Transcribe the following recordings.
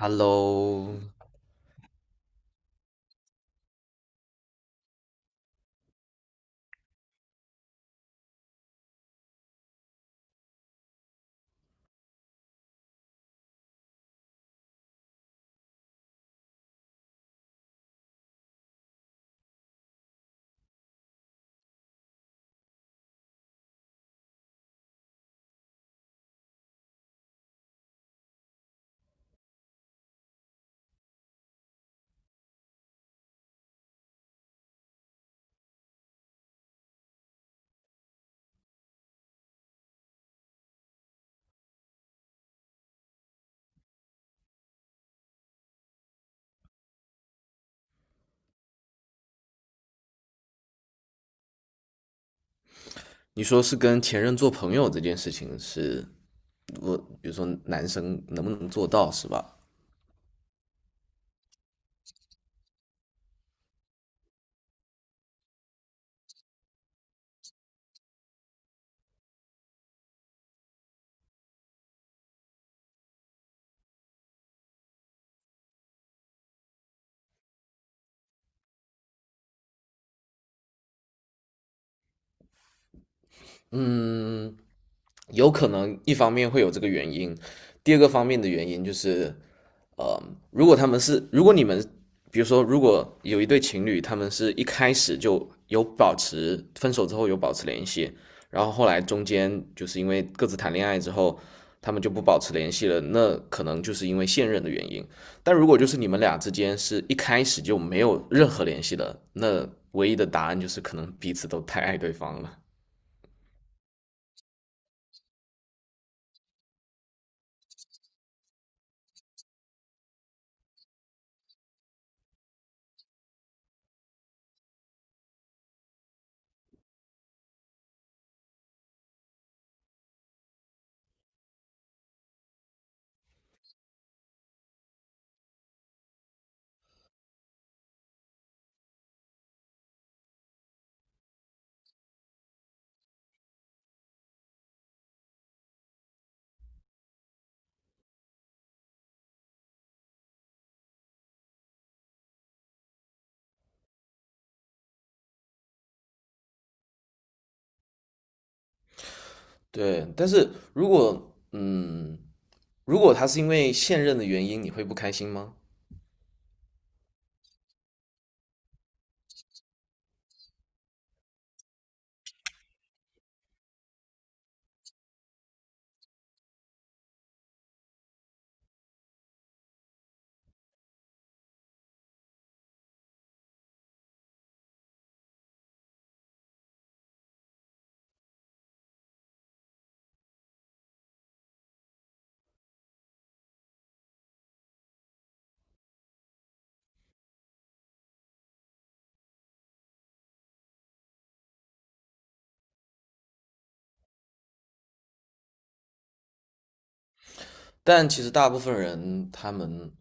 Hello,你说是跟前任做朋友这件事情是，我比如说男生能不能做到是吧？有可能一方面会有这个原因，第二个方面的原因就是如果他们是，如果你们，比如说，如果有一对情侣，他们是一开始就有保持分手之后有保持联系，然后后来中间就是因为各自谈恋爱之后，他们就不保持联系了，那可能就是因为现任的原因。但如果就是你们俩之间是一开始就没有任何联系的，那唯一的答案就是可能彼此都太爱对方了。对，但是嗯，如果他是因为现任的原因，你会不开心吗？但其实大部分人他们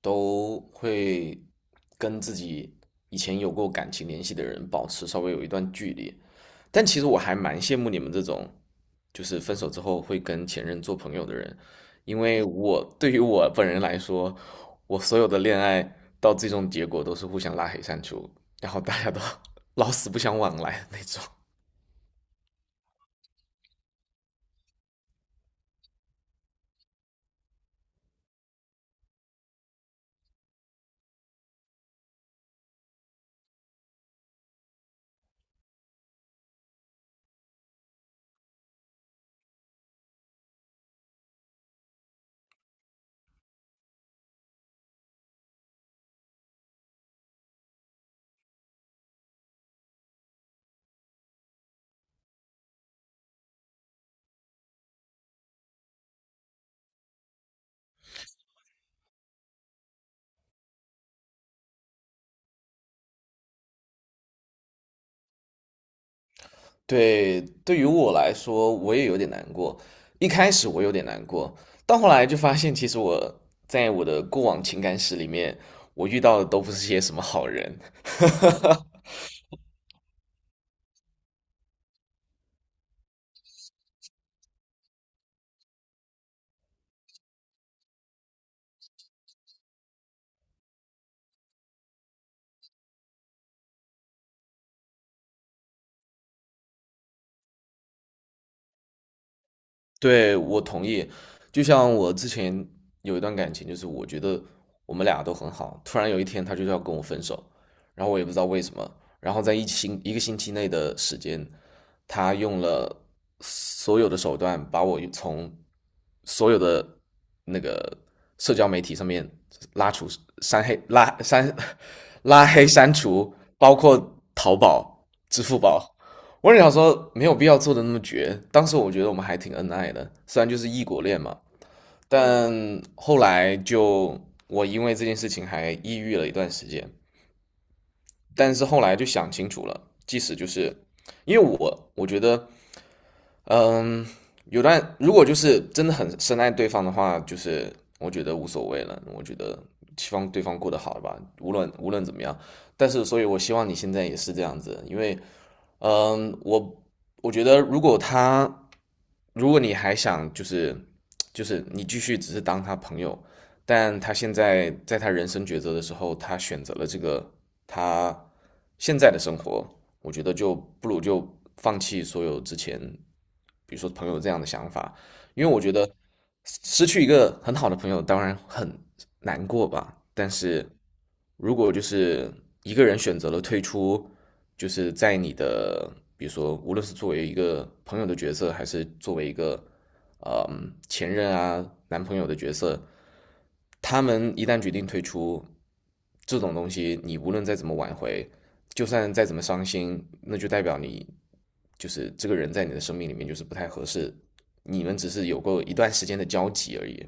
都会跟自己以前有过感情联系的人保持稍微有一段距离。但其实我还蛮羡慕你们这种，就是分手之后会跟前任做朋友的人，因为我对于我本人来说，我所有的恋爱到最终结果都是互相拉黑删除，然后大家都 老死不相往来的那种。对，对于我来说，我也有点难过。一开始我有点难过，到后来就发现，其实我在我的过往情感史里面，我遇到的都不是些什么好人。对，我同意。就像我之前有一段感情，就是我觉得我们俩都很好，突然有一天他就要跟我分手，然后我也不知道为什么。然后在一个星期内的时间，他用了所有的手段把我从所有的那个社交媒体上面拉除、删黑、拉删、拉黑、删除，包括淘宝、支付宝。我也想说没有必要做的那么绝。当时我觉得我们还挺恩爱的，虽然就是异国恋嘛，但后来就我因为这件事情还抑郁了一段时间，但是后来就想清楚了，即使就是因为我觉得，嗯，有段如果就是真的很深爱对方的话，就是我觉得无所谓了，我觉得希望对方过得好吧，无论怎么样。但是，所以我希望你现在也是这样子，因为我觉得如果他，如果你还想就是你继续只是当他朋友，但他现在在他人生抉择的时候，他选择了这个他现在的生活，我觉得就不如就放弃所有之前，比如说朋友这样的想法，因为我觉得失去一个很好的朋友当然很难过吧，但是如果就是一个人选择了退出。就是在你的，比如说，无论是作为一个朋友的角色，还是作为一个前任啊、男朋友的角色，他们一旦决定退出，这种东西你无论再怎么挽回，就算再怎么伤心，那就代表你就是这个人在你的生命里面就是不太合适，你们只是有过一段时间的交集而已。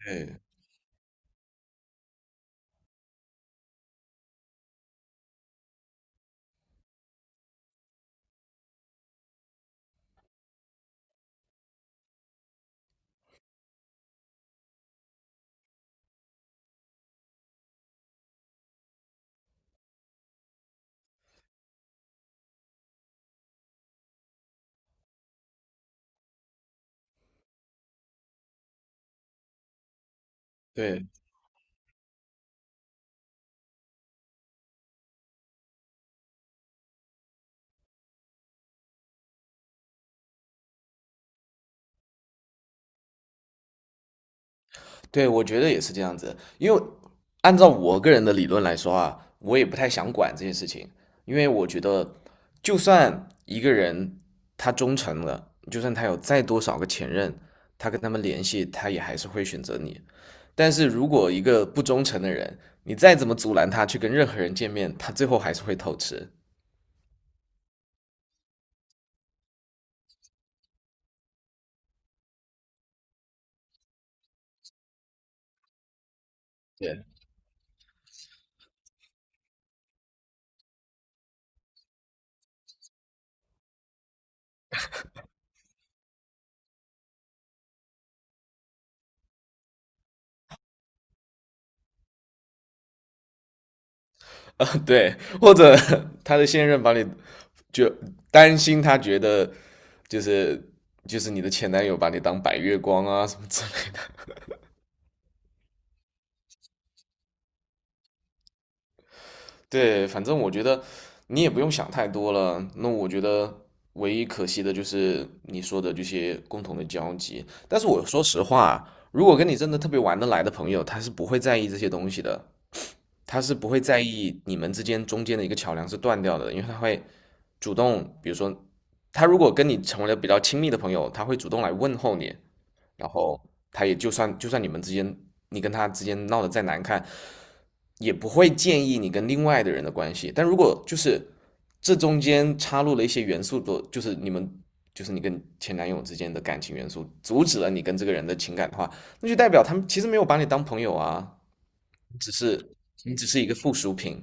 对对，对，我觉得也是这样子，因为按照我个人的理论来说啊，我也不太想管这些事情，因为我觉得，就算一个人他忠诚了，就算他有再多少个前任，他跟他们联系，他也还是会选择你。但是如果一个不忠诚的人，你再怎么阻拦他去跟任何人见面，他最后还是会偷吃。对，对，或者 他的现任把你就担心，他觉得就是就是你的前男友把你当白月光啊什么之类的。对，反正我觉得你也不用想太多了。那我觉得唯一可惜的就是你说的这些共同的交集。但是我说实话，如果跟你真的特别玩得来的朋友，他是不会在意这些东西的，他是不会在意你们之间中间的一个桥梁是断掉的，因为他会主动，比如说，他如果跟你成为了比较亲密的朋友，他会主动来问候你，然后他也就算你们之间你跟他之间闹得再难看，也不会建议你跟另外的人的关系。但如果就是这中间插入了一些元素的，就是你们就是你跟前男友之间的感情元素，阻止了你跟这个人的情感的话，那就代表他们其实没有把你当朋友啊，只是你只是一个附属品，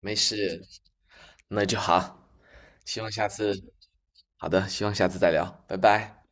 没事，那就好。希望下次，好的，希望下次再聊，拜拜。